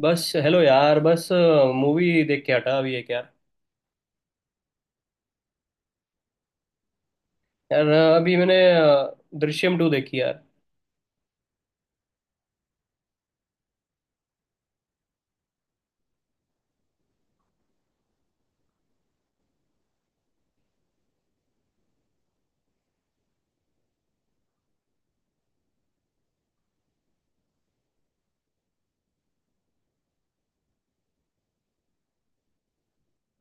बस हेलो यार, बस मूवी देख के हटा अभी एक यार। यार अभी मैंने दृश्यम टू देखी यार।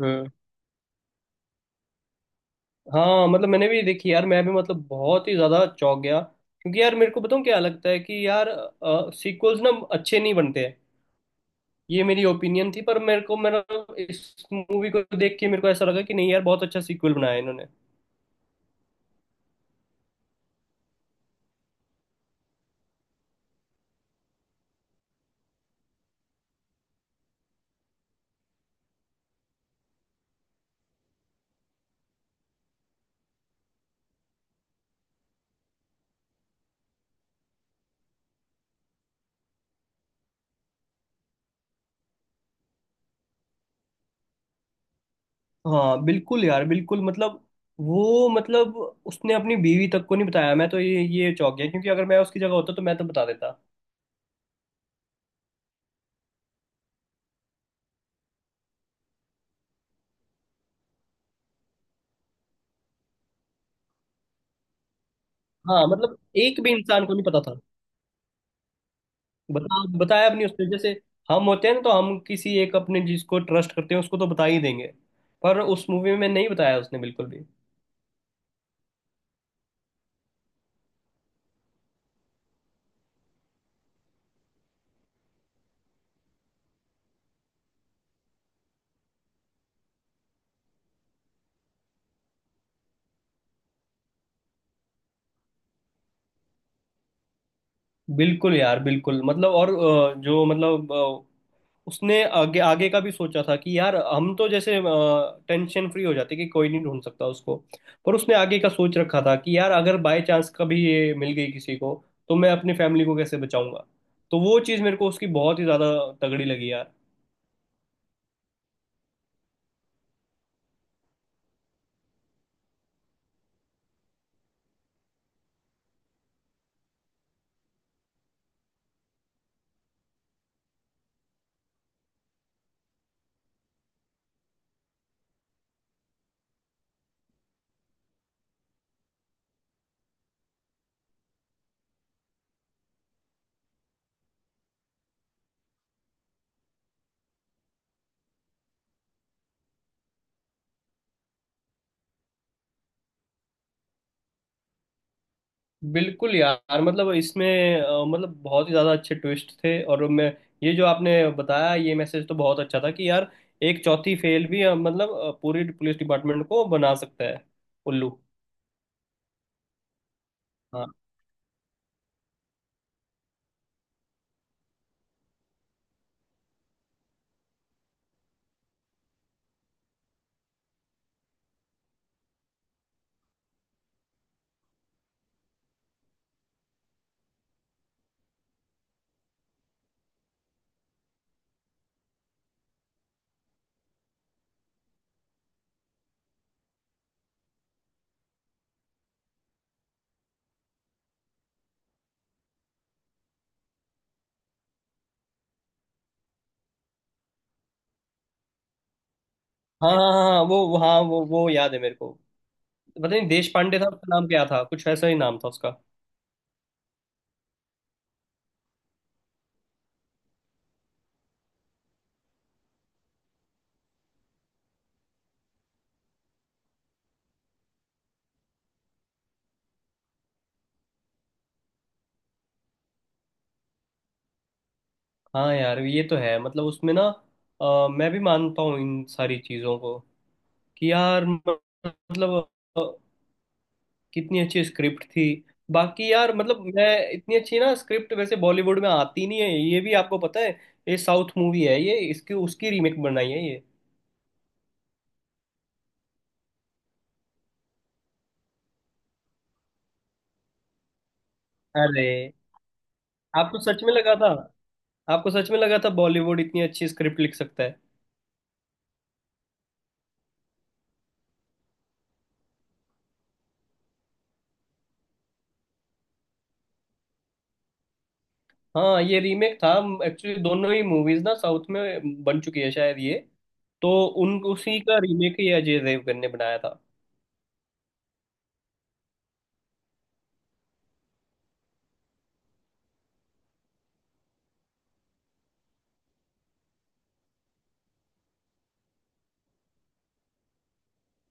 हम्म। हाँ मतलब मैंने भी देखी यार, मैं भी मतलब बहुत ही ज्यादा चौंक गया, क्योंकि यार मेरे को बताऊँ क्या लगता है कि यार सीक्वल्स ना अच्छे नहीं बनते हैं। ये मेरी ओपिनियन थी, पर मेरे को मेरा इस मूवी को देख के मेरे को ऐसा लगा कि नहीं यार, बहुत अच्छा सीक्वल बनाया है इन्होंने। हाँ बिल्कुल यार, बिल्कुल मतलब वो मतलब उसने अपनी बीवी तक को नहीं बताया। मैं तो ये चौंक गया, क्योंकि अगर मैं उसकी जगह होता तो मैं तो बता देता। हाँ मतलब एक भी इंसान को नहीं पता था। बताया अपनी उसने जैसे हम होते हैं ना, तो हम किसी एक अपने जिसको ट्रस्ट करते हैं उसको तो बता ही देंगे, पर उस मूवी में नहीं बताया उसने बिल्कुल भी। बिल्कुल यार, बिल्कुल मतलब, और जो मतलब उसने आगे आगे का भी सोचा था कि यार हम तो जैसे टेंशन फ्री हो जाते कि कोई नहीं ढूंढ सकता उसको, पर उसने आगे का सोच रखा था कि यार अगर बाय चांस कभी ये मिल गई किसी को, तो मैं अपनी फैमिली को कैसे बचाऊंगा। तो वो चीज़ मेरे को उसकी बहुत ही ज़्यादा तगड़ी लगी यार। बिल्कुल यार मतलब इसमें मतलब बहुत ही ज़्यादा अच्छे ट्विस्ट थे। और मैं, ये जो आपने बताया, ये मैसेज तो बहुत अच्छा था कि यार एक चौथी फेल भी मतलब पूरी पुलिस डिपार्टमेंट को बना सकता है उल्लू। हाँ हाँ हाँ हाँ हाँ, हाँ वो याद है मेरे को। पता नहीं देश पांडे था उसका नाम, क्या था कुछ ऐसा ही नाम था उसका। हाँ यार, ये तो है मतलब उसमें ना मैं भी मानता हूँ इन सारी चीज़ों को कि यार मतलब कितनी अच्छी स्क्रिप्ट थी। बाकी यार मतलब मैं, इतनी अच्छी ना स्क्रिप्ट वैसे बॉलीवुड में आती नहीं है, ये भी आपको पता है। ये साउथ मूवी है, ये इसकी उसकी रीमेक बनाई है ये। अरे, आपको सच में लगा था? आपको सच में लगा था बॉलीवुड इतनी अच्छी स्क्रिप्ट लिख सकता है? हाँ ये रीमेक था, एक्चुअली दोनों ही मूवीज ना साउथ में बन चुकी है शायद ये। तो उन उसी का रीमेक ही अजय देवगन ने बनाया था।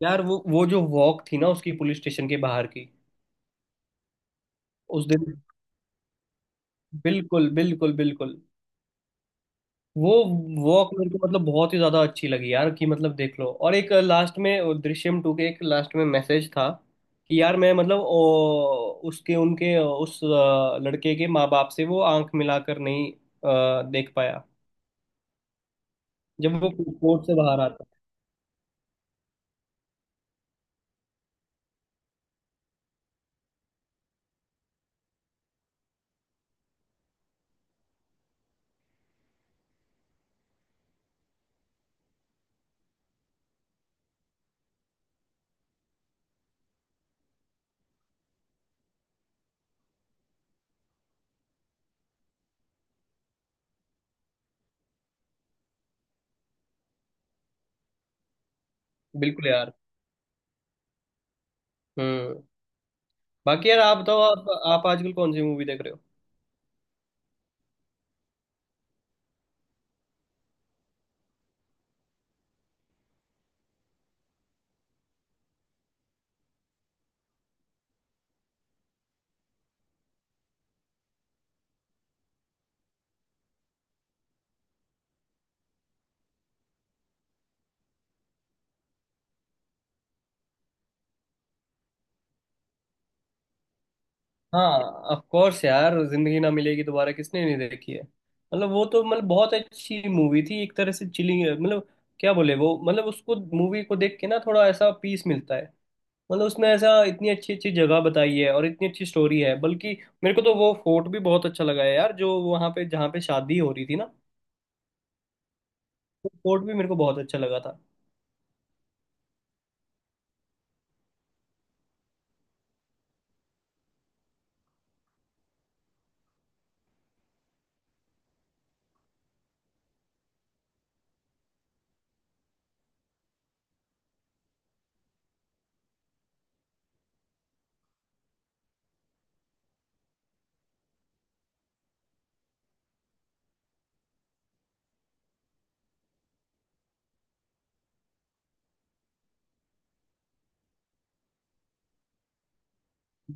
यार वो जो वॉक थी ना उसकी, पुलिस स्टेशन के बाहर की, उस दिन। बिल्कुल बिल्कुल बिल्कुल, वो वॉक मेरे को मतलब बहुत ही ज्यादा अच्छी लगी यार। कि मतलब देख लो, और एक लास्ट में वो दृश्यम टू के एक लास्ट में मैसेज था कि यार, मैं मतलब उसके उनके उस लड़के के माँ बाप से वो आंख मिलाकर नहीं देख पाया, जब वो कोर्ट से बाहर आता। बिल्कुल यार। हम्म। बाकी यार आप बताओ, आप आजकल कौन सी मूवी देख रहे हो? हाँ, ऑफ कोर्स यार, जिंदगी ना मिलेगी दोबारा किसने नहीं देखी है। मतलब वो तो मतलब बहुत अच्छी मूवी थी, एक तरह से चिलिंग मतलब क्या बोले वो। मतलब उसको मूवी को देख के ना थोड़ा ऐसा पीस मिलता है। मतलब उसमें ऐसा इतनी अच्छी अच्छी जगह बताई है और इतनी अच्छी स्टोरी है। बल्कि मेरे को तो वो फोर्ट भी बहुत अच्छा लगा है यार, जो वहाँ पे जहाँ पे शादी हो रही थी ना, वो फोर्ट भी मेरे को बहुत अच्छा लगा था।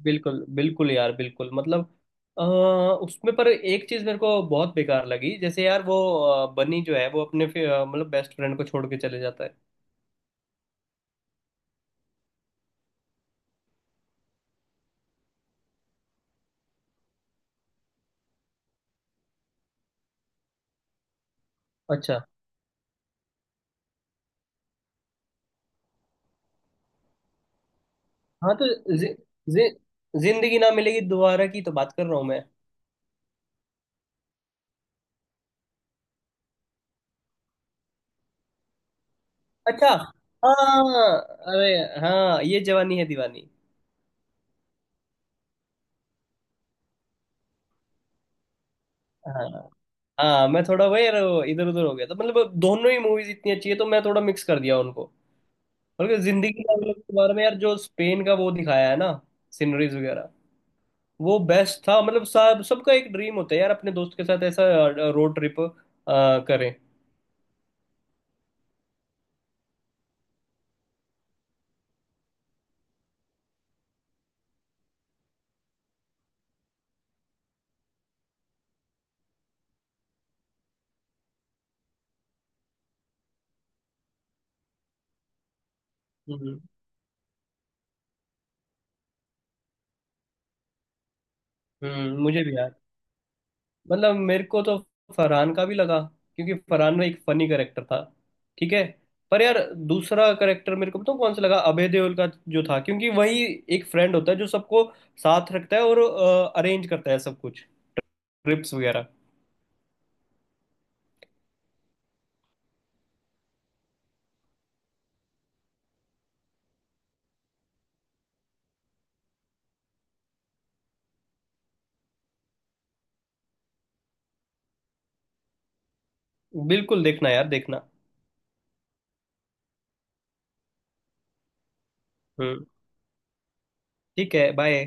बिल्कुल बिल्कुल यार, बिल्कुल मतलब अ, उसमें पर एक चीज मेरे को बहुत बेकार लगी, जैसे यार वो बनी जो है वो अपने मतलब बेस्ट फ्रेंड को छोड़ के चले जाता है। अच्छा, हाँ तो जि, जि, जिंदगी ना मिलेगी दोबारा की तो बात कर रहा हूँ मैं। अच्छा, हाँ, अरे हाँ, ये जवानी है दीवानी। हाँ, हाँ मैं थोड़ा वही यार इधर उधर हो गया था। मतलब दोनों ही मूवीज इतनी अच्छी है तो मैं थोड़ा मिक्स कर दिया उनको। बल्कि जिंदगी ना मिलेगी दोबारा में यार, जो स्पेन का वो दिखाया है ना, सीनरीज वगैरह, वो बेस्ट था। मतलब सब सबका एक ड्रीम होता है यार, अपने दोस्त के साथ ऐसा रोड ट्रिप करें। हम्म। मुझे भी यार, मतलब मेरे को तो फरहान का भी लगा, क्योंकि फरहान में एक फनी करेक्टर था। ठीक है, पर यार दूसरा करेक्टर मेरे को पता कौन सा लगा, अभय देओल का जो था, क्योंकि वही एक फ्रेंड होता है जो सबको साथ रखता है और अरेंज करता है सब कुछ, ट्रिप्स वगैरह। बिल्कुल देखना यार, देखना। हम्म, ठीक है, बाय।